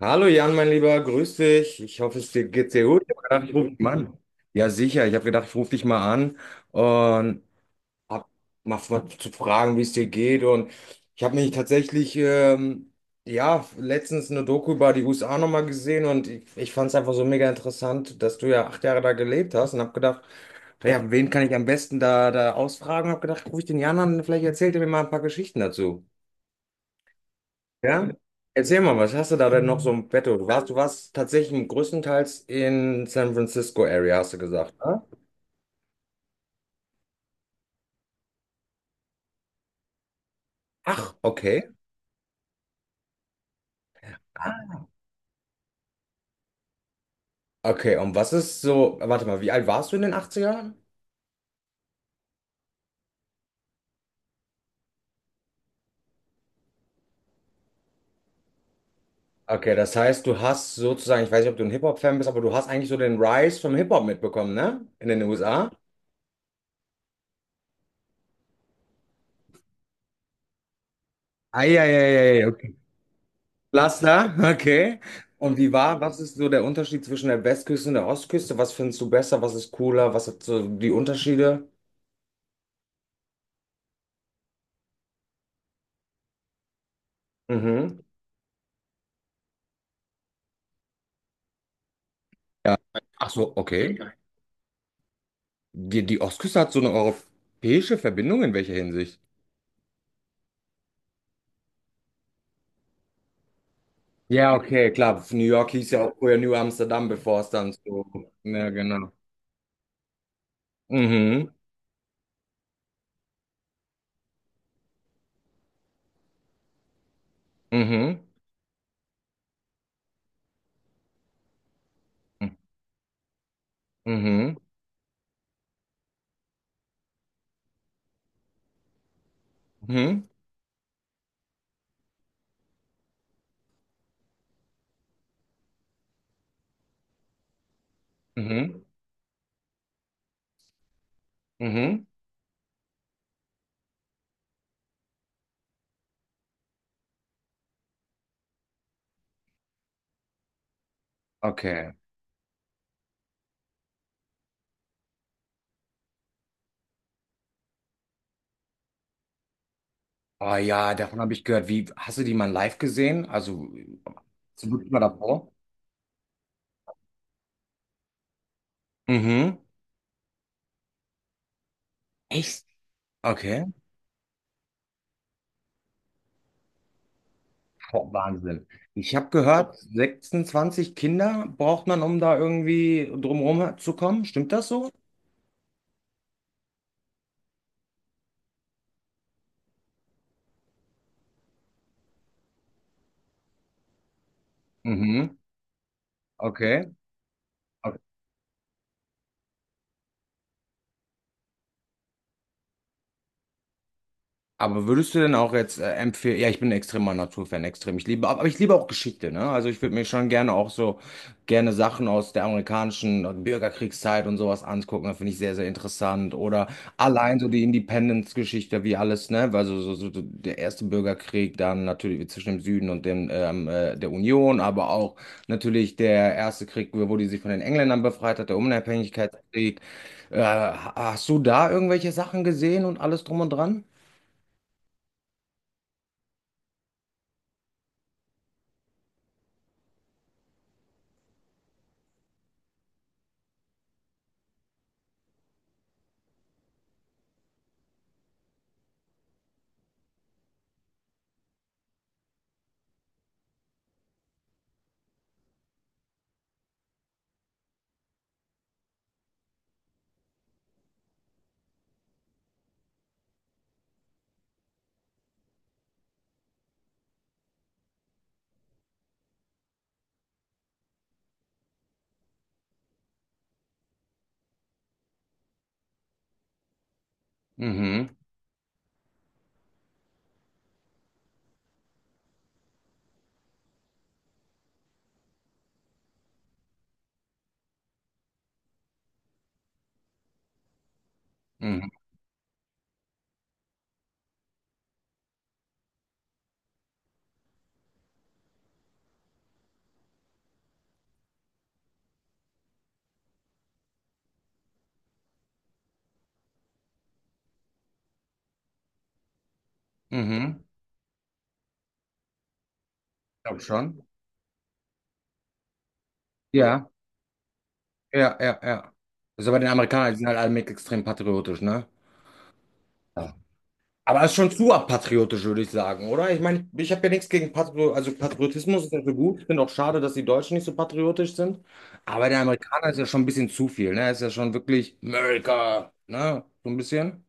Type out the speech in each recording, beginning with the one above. Hallo Jan, mein Lieber, grüß dich. Ich hoffe, es dir geht sehr gut. Ich habe gedacht, ich rufe dich mal an. Ja, sicher. Ich habe gedacht, ich rufe dich mal an und hab zu fragen, wie es dir geht. Und ich habe mich tatsächlich, ja, letztens eine Doku über die USA nochmal gesehen und ich fand es einfach so mega interessant, dass du ja 8 Jahre da gelebt hast und habe gedacht, naja, wen kann ich am besten da ausfragen? Habe gedacht, rufe ich den Jan an, vielleicht erzählt er mir mal ein paar Geschichten dazu. Ja? Erzähl mal, was hast du da denn noch so im Petto? Du warst tatsächlich größtenteils in San Francisco Area, hast du gesagt, ne? Ach, okay. Okay, und was ist so, warte mal, wie alt warst du in den Achtzigern? Okay, das heißt, du hast sozusagen, ich weiß nicht, ob du ein Hip-Hop-Fan bist, aber du hast eigentlich so den Rise vom Hip-Hop mitbekommen, ne? In den USA. Eieieiei, okay. Laster, okay. Und wie war, was ist so der Unterschied zwischen der Westküste und der Ostküste? Was findest du besser? Was ist cooler? Was hat so die Unterschiede? Mhm. Ja. Ach so, okay. Die Ostküste hat so eine europäische Verbindung in welcher Hinsicht? Ja, okay, klar. New York hieß ja auch früher New Amsterdam, bevor es dann so. Ja, genau. Mhm, mhm, mhm, mhm, mhm, mhm. Mhm. Okay. Ah ja, davon habe ich gehört. Wie, hast du die mal live gesehen? Also, hast du wirklich mal davor? Mhm. Echt? Okay. Boah, Wahnsinn. Ich habe gehört, 26 Kinder braucht man, um da irgendwie drumherum zu kommen. Stimmt das so? Mhm. Okay. Aber würdest du denn auch jetzt empfehlen, ja, ich bin ein extremer Naturfan, extrem. Ich liebe, aber ich liebe auch Geschichte, ne? Also ich würde mir schon gerne auch so gerne Sachen aus der amerikanischen Bürgerkriegszeit und sowas angucken. Das finde ich sehr, sehr interessant. Oder allein so die Independence-Geschichte, wie alles, ne? Also so der erste Bürgerkrieg, dann natürlich zwischen dem Süden und dem der Union, aber auch natürlich der erste Krieg, wo die sich von den Engländern befreit hat, der Unabhängigkeitskrieg. Hast du da irgendwelche Sachen gesehen und alles drum und dran? Mhm, mhm, mhm. Ich glaube schon. Ja, ja, ja, ja. Also bei den Amerikanern, die sind halt alle mit extrem patriotisch, ne? Ja. Aber es ist schon zu patriotisch, würde ich sagen, oder? Ich meine, ich habe ja nichts gegen Patri, also Patriotismus ist ja so gut. Ich finde auch schade, dass die Deutschen nicht so patriotisch sind. Aber der Amerikaner ist ja schon ein bisschen zu viel, ne? Ist ja schon wirklich America, ne? So ein bisschen.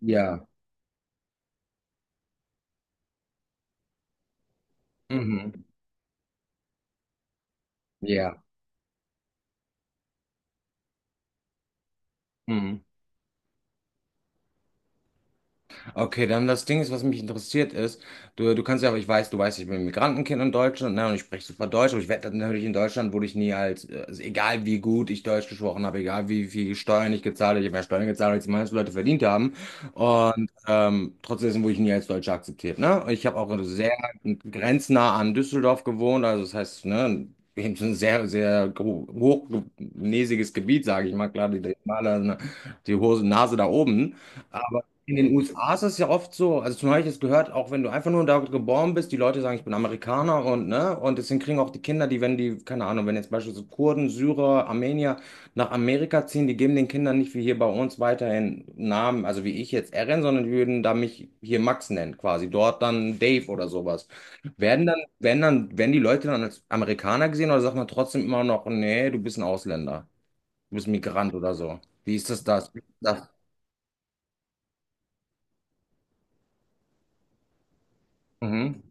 Ja. Mhm. Ja. Mhm. Okay, dann das Ding ist, was mich interessiert ist, du kannst ja, aber ich weiß, du weißt, ich bin ein Migrantenkind in Deutschland, ne, und ich spreche super Deutsch, aber ich werde natürlich in Deutschland, wurde ich nie als, also egal wie gut ich Deutsch gesprochen habe, egal wie viel Steuern ich gezahlt habe, ich habe mehr Steuern gezahlt, als die meisten Leute verdient haben, und trotzdem wurde ich nie als Deutscher akzeptiert, ne, und ich habe auch sehr grenznah an Düsseldorf gewohnt, also das heißt, ne, eben so ein sehr, sehr hochnäsiges Gebiet, sage ich mal, klar, die Hose, Nase da oben, in den USA ist es ja oft so, also zum Beispiel, ich es gehört, auch wenn du einfach nur da geboren bist, die Leute sagen, ich bin Amerikaner und ne, und deswegen kriegen auch die Kinder, die, wenn die, keine Ahnung, wenn jetzt beispielsweise Kurden, Syrer, Armenier nach Amerika ziehen, die geben den Kindern nicht wie hier bei uns weiterhin Namen, also wie ich jetzt Eren, sondern die würden da mich hier Max nennen, quasi, dort dann Dave oder sowas. Werden dann, werden die Leute dann als Amerikaner gesehen oder sagt man trotzdem immer noch, nee, du bist ein Ausländer, du bist Migrant oder so? Wie ist das? Das. Mhm.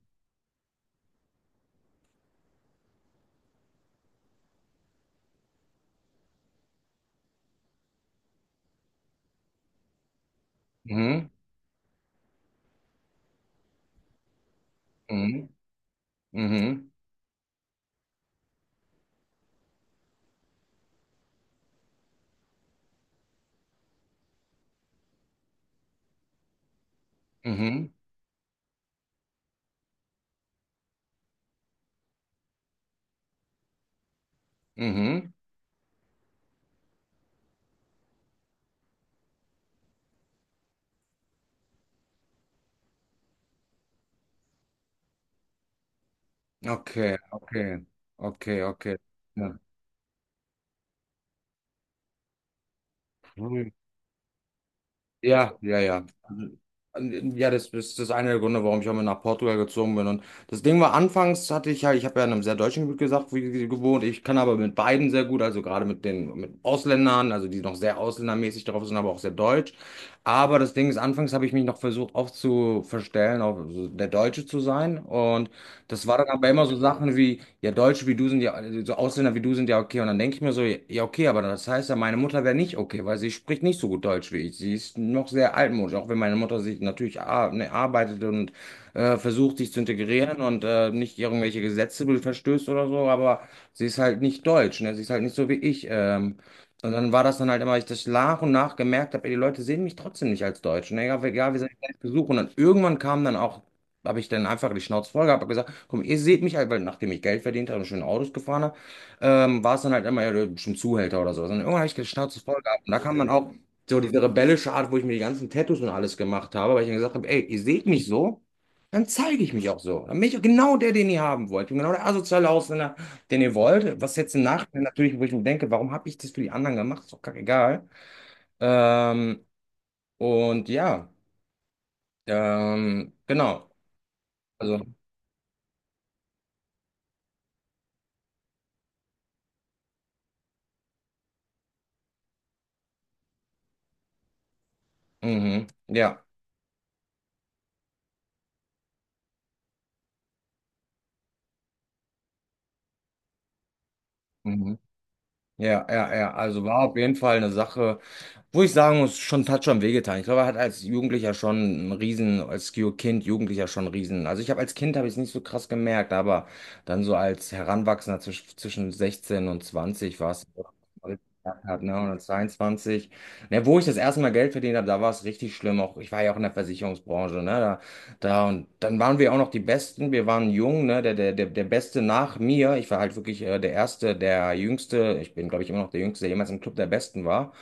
Mhm. Mhm. Mhm. Mhm. Mhm. Okay, okay. Okay, okay. Ja, Hm. ja, ja, ja. Also, ja, das ist das eine der Gründe, warum ich auch mal nach Portugal gezogen bin. Und das Ding war, anfangs hatte ich ja, ich habe ja in einem sehr deutschen Gebiet gesagt, wie, gewohnt. Ich kann aber mit beiden sehr gut, also gerade mit den mit Ausländern, also die noch sehr ausländermäßig drauf sind, aber auch sehr deutsch. Aber das Ding ist, anfangs habe ich mich noch versucht aufzuverstellen, auf so der Deutsche zu sein. Und das war dann aber immer so Sachen wie, ja, Deutsche wie du sind ja, so Ausländer wie du sind ja okay. Und dann denke ich mir so, ja, okay, aber das heißt ja, meine Mutter wäre nicht okay, weil sie spricht nicht so gut Deutsch wie ich. Sie ist noch sehr altmodisch, auch wenn meine Mutter sich natürlich ar ne, arbeitet und versucht, sich zu integrieren und nicht irgendwelche Gesetze verstößt oder so, aber sie ist halt nicht deutsch, ne? Sie ist halt nicht so wie ich. Und dann war das dann halt immer, ich das nach und nach gemerkt habe, ey, die Leute sehen mich trotzdem nicht als Deutsch. Ne? Egal wie sehr ich es versuche. Und dann irgendwann kam dann auch habe ich dann einfach die Schnauze voll gehabt, habe gesagt, komm, ihr seht mich halt, weil nachdem ich Geld verdient habe und schöne Autos gefahren habe, war es dann halt immer ja, schon Zuhälter oder so. Und irgendwann habe ich die Schnauze voll gehabt und da kam dann auch so diese rebellische Art, wo ich mir die ganzen Tattoos und alles gemacht habe, weil ich dann gesagt habe, ey, ihr seht mich so, dann zeige ich mich auch so. Dann bin ich auch genau der, den ihr haben wollt. Ich bin genau der asoziale Ausländer, den ihr wollt. Was jetzt im Nachhinein natürlich, wo ich mir denke, warum habe ich das für die anderen gemacht? Ist doch kackegal. Ähm, und ja, genau. Also, mhm, ja. Mhm. Ja, ja, ja. Also war auf jeden Fall eine Sache, wo ich sagen muss, schon hat schon wehgetan. Ich glaube, er hat als Jugendlicher schon einen Riesen, als Kind, Jugendlicher schon einen Riesen. Also ich habe als Kind habe ich es nicht so krass gemerkt, aber dann so als Heranwachsender zwischen 16 und 20 war es, wo ich gemerkt hab, ne, oder 22. Ne, wo ich das erste Mal Geld verdient habe, da war es richtig schlimm. Auch ich war ja auch in der Versicherungsbranche, ne? Da und dann waren wir auch noch die Besten. Wir waren jung, ne? Der Beste nach mir. Ich war halt wirklich der Erste, der Jüngste. Ich bin, glaube ich, immer noch der Jüngste, der jemals im Club der Besten war.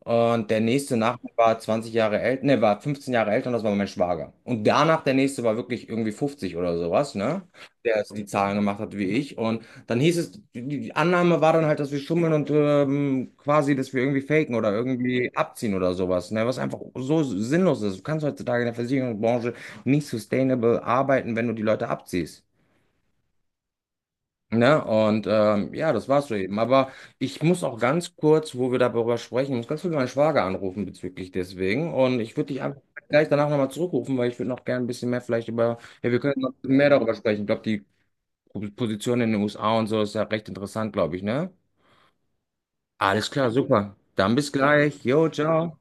Und der nächste nach mir war 20 Jahre älter, ne, war 15 Jahre älter und das war mein Schwager. Und danach der nächste war wirklich irgendwie 50 oder sowas, ne? Der die Zahlen gemacht hat wie ich. Und dann hieß es, die Annahme war dann halt, dass wir schummeln und quasi, dass wir irgendwie faken oder irgendwie abziehen oder sowas, ne? Was einfach so sinnlos ist. Du kannst heutzutage in der Versicherungsbranche nicht sustainable arbeiten, wenn du die Leute abziehst. Ne? Und ja, das war's so eben. Aber ich muss auch ganz kurz, wo wir darüber sprechen, ich muss ganz kurz meinen Schwager anrufen bezüglich deswegen. Und ich würde dich einfach gleich danach nochmal zurückrufen, weil ich würde noch gerne ein bisschen mehr vielleicht über, ja, wir können noch mehr darüber sprechen. Ich glaube, die Position in den USA und so ist ja recht interessant, glaube ich, ne? Alles klar, super. Dann bis gleich. Jo, ciao.